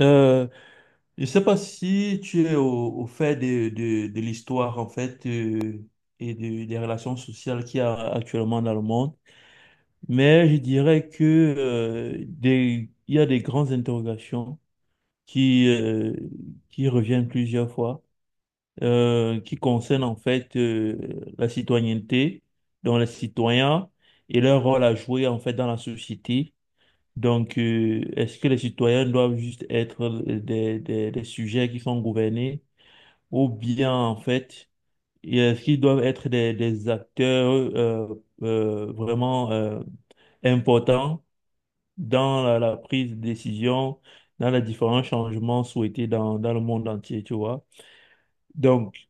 Euh, je ne sais pas si tu es au fait de l'histoire, en fait, et des relations sociales qu'il y a actuellement dans le monde, mais je dirais que, il y a des grandes interrogations qui, euh, qui reviennent plusieurs fois, qui concernent, en fait, la citoyenneté, dont les citoyens et leur rôle à jouer, en fait, dans la société. Donc, est-ce que les citoyens doivent juste être des sujets qui sont gouvernés ou bien, en fait, est-ce qu'ils doivent être des acteurs vraiment importants dans la prise de décision, dans les différents changements souhaités dans le monde entier, tu vois? Donc,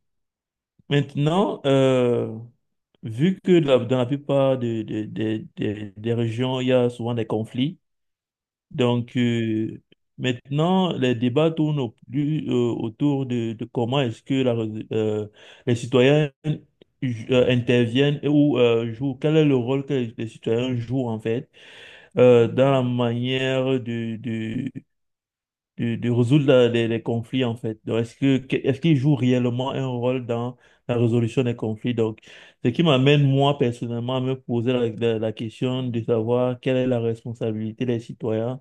maintenant, vu que dans la plupart des des régions, il y a souvent des conflits. Donc, maintenant, les débats tournent au plus, autour de comment est-ce que euh, les citoyens interviennent et ou jouent, quel est le rôle que les citoyens jouent en fait dans la manière de résoudre les conflits en fait. Donc, est-ce qu'ils jouent réellement un rôle dans la résolution des conflits? Donc, ce qui m'amène moi personnellement à me poser la question de savoir quelle est la responsabilité des citoyens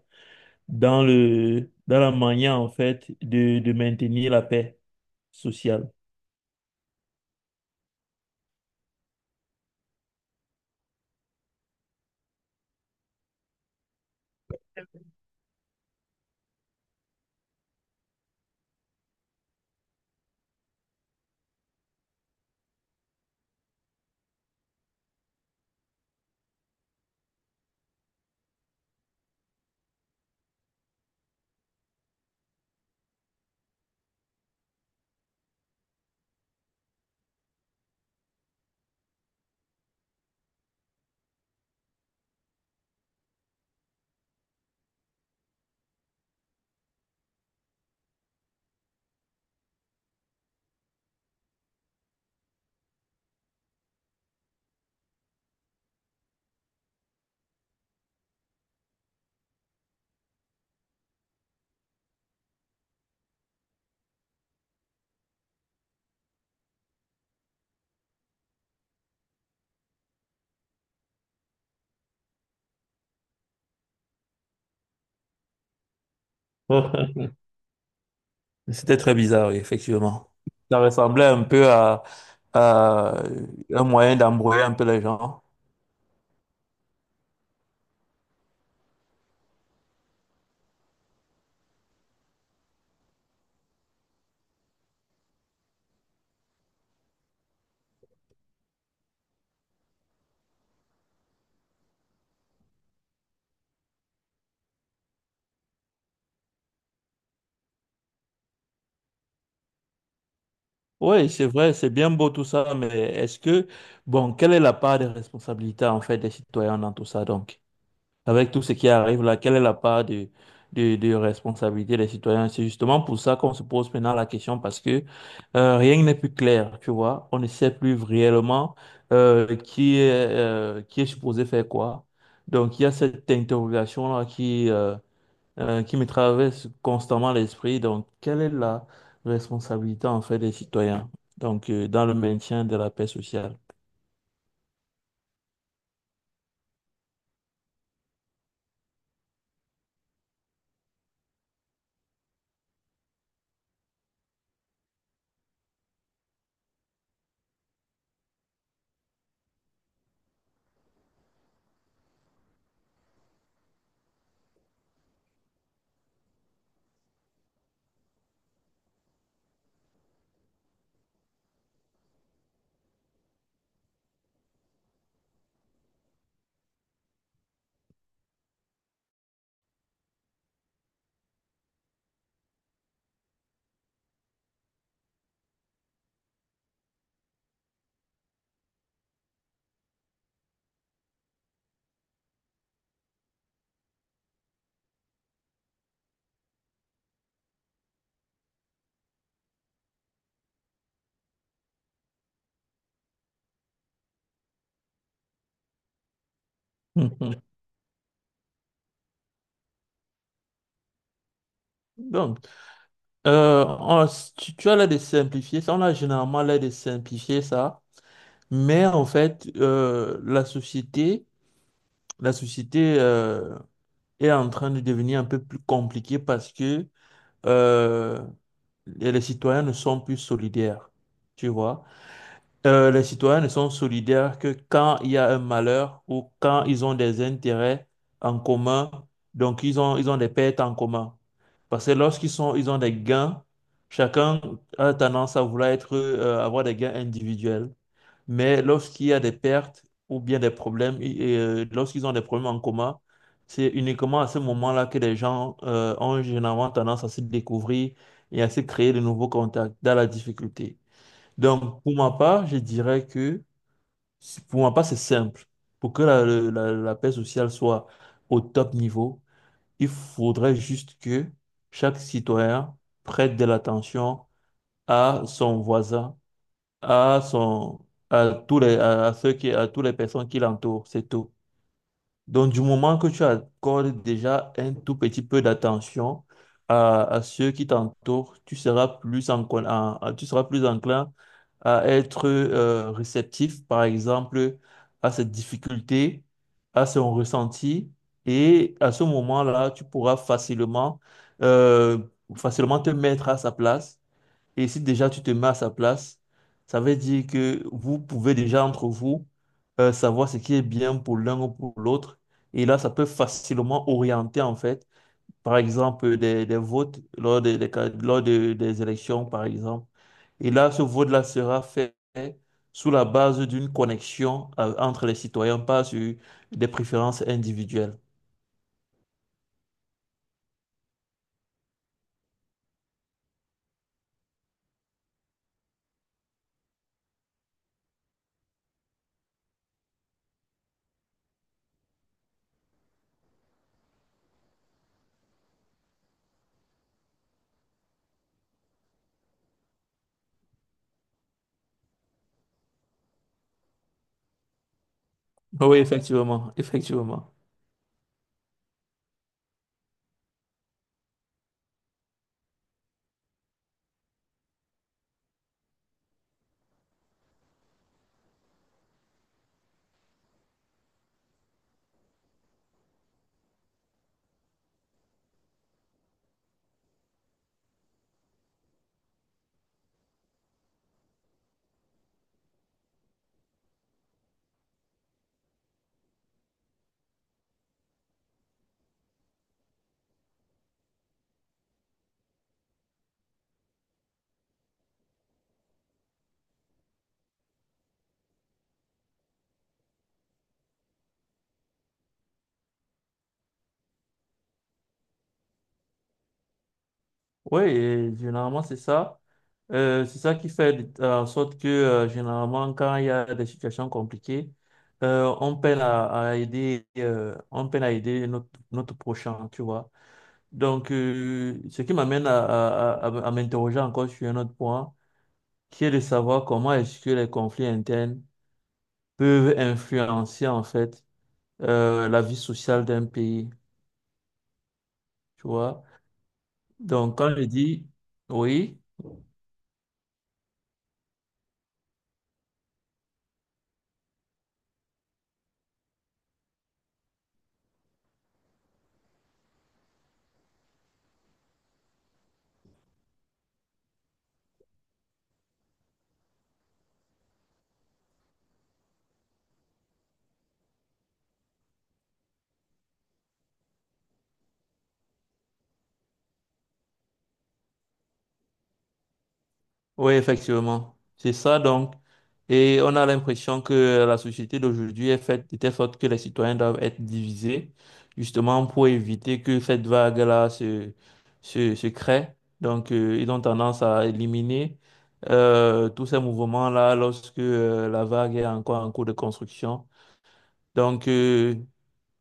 dans le, dans la manière, en fait, de maintenir la paix sociale. C'était très bizarre, oui, effectivement. Ça ressemblait un peu à un moyen d'embrouiller un peu les gens. Oui, c'est vrai, c'est bien beau tout ça, mais bon, quelle est la part de responsabilité, en fait, des citoyens dans tout ça, donc? Avec tout ce qui arrive là, quelle est la part de responsabilité des citoyens? C'est justement pour ça qu'on se pose maintenant la question parce que rien n'est plus clair, tu vois. On ne sait plus réellement qui est supposé faire quoi. Donc, il y a cette interrogation-là qui qui me traverse constamment l'esprit. Donc, quelle est la responsabilité en fait des citoyens? Donc, dans le maintien de la paix sociale. Donc, Euh, on- tu, tu as l'air de simplifier ça, on a généralement l'air de simplifier ça, mais en fait, la société est en train de devenir un peu plus compliquée parce que euh, les citoyens ne sont plus solidaires, tu vois. Les citoyens ne sont solidaires que quand il y a un malheur ou quand ils ont des intérêts en commun, donc ils ont des pertes en commun. Parce que ils ont des gains, chacun a tendance à vouloir avoir des gains individuels. Mais lorsqu'il y a des pertes ou bien des problèmes, lorsqu'ils ont des problèmes en commun, c'est uniquement à ce moment-là que les gens ont généralement tendance à se découvrir et à se créer de nouveaux contacts dans la difficulté. Donc, pour ma part, c'est simple. Pour que la paix sociale soit au top niveau, il faudrait juste que chaque citoyen prête de l'attention à son voisin, à son, à tous à à toutes les personnes qui l'entourent. C'est tout. Donc, du moment que tu accordes déjà un tout petit peu d'attention à ceux qui t'entourent, tu seras plus enclin, tu seras plus enclin à être réceptif, par exemple, à cette difficulté, à son ressenti. Et à ce moment-là, tu pourras euh, facilement te mettre à sa place et si déjà tu te mets à sa place, ça veut dire que vous pouvez déjà entre vous savoir ce qui est bien pour l'un ou pour l'autre. Et là, ça peut facilement orienter, en fait, par exemple, des votes lors des élections, par exemple. Et là, ce vote-là sera fait sous la base d'une connexion entre les citoyens, pas sur des préférences individuelles. Oui, effectivement, effectivement. Oui, et généralement, c'est ça. En sorte que, généralement, quand il y a des situations compliquées, on peine à aider notre, notre prochain, tu vois. Donc, ce qui m'amène à m'interroger encore sur un autre point, qui est de savoir comment est-ce que les conflits internes peuvent influencer, en fait, la vie sociale d'un pays, tu vois. Donc, quand je dis, oui. Oui, effectivement. C'est ça donc. Et on a l'impression que la société d'aujourd'hui est faite de telle sorte que les citoyens doivent être divisés, justement pour éviter que cette vague-là se crée. Donc, ils ont tendance à éliminer tous ces mouvements-là lorsque la vague est encore en cours de construction. Donc, euh,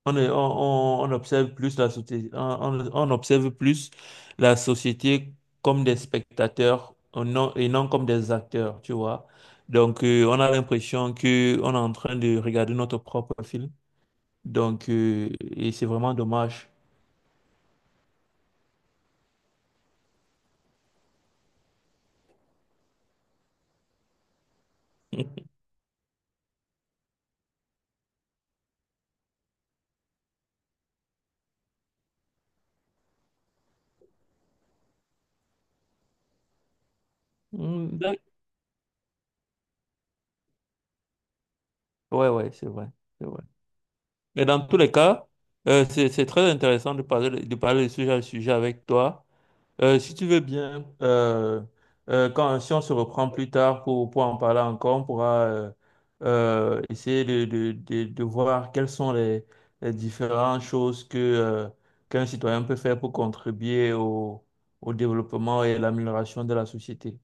on, est- on, on- on observe plus la société, on observe plus la société comme des spectateurs et non comme des acteurs, tu vois. Donc, on a l'impression que on est en train de regarder notre propre film. Donc, et c'est vraiment dommage. Mm, ouais, c'est vrai, c'est vrai. Mais dans tous les cas, c'est très intéressant de parler de parler de sujet à sujet avec toi. Si tu veux bien, quand, Si on se reprend plus tard pour en parler encore, on pourra essayer de voir quelles sont les différentes choses que, qu'un citoyen peut faire pour contribuer au, au développement et à l'amélioration de la société.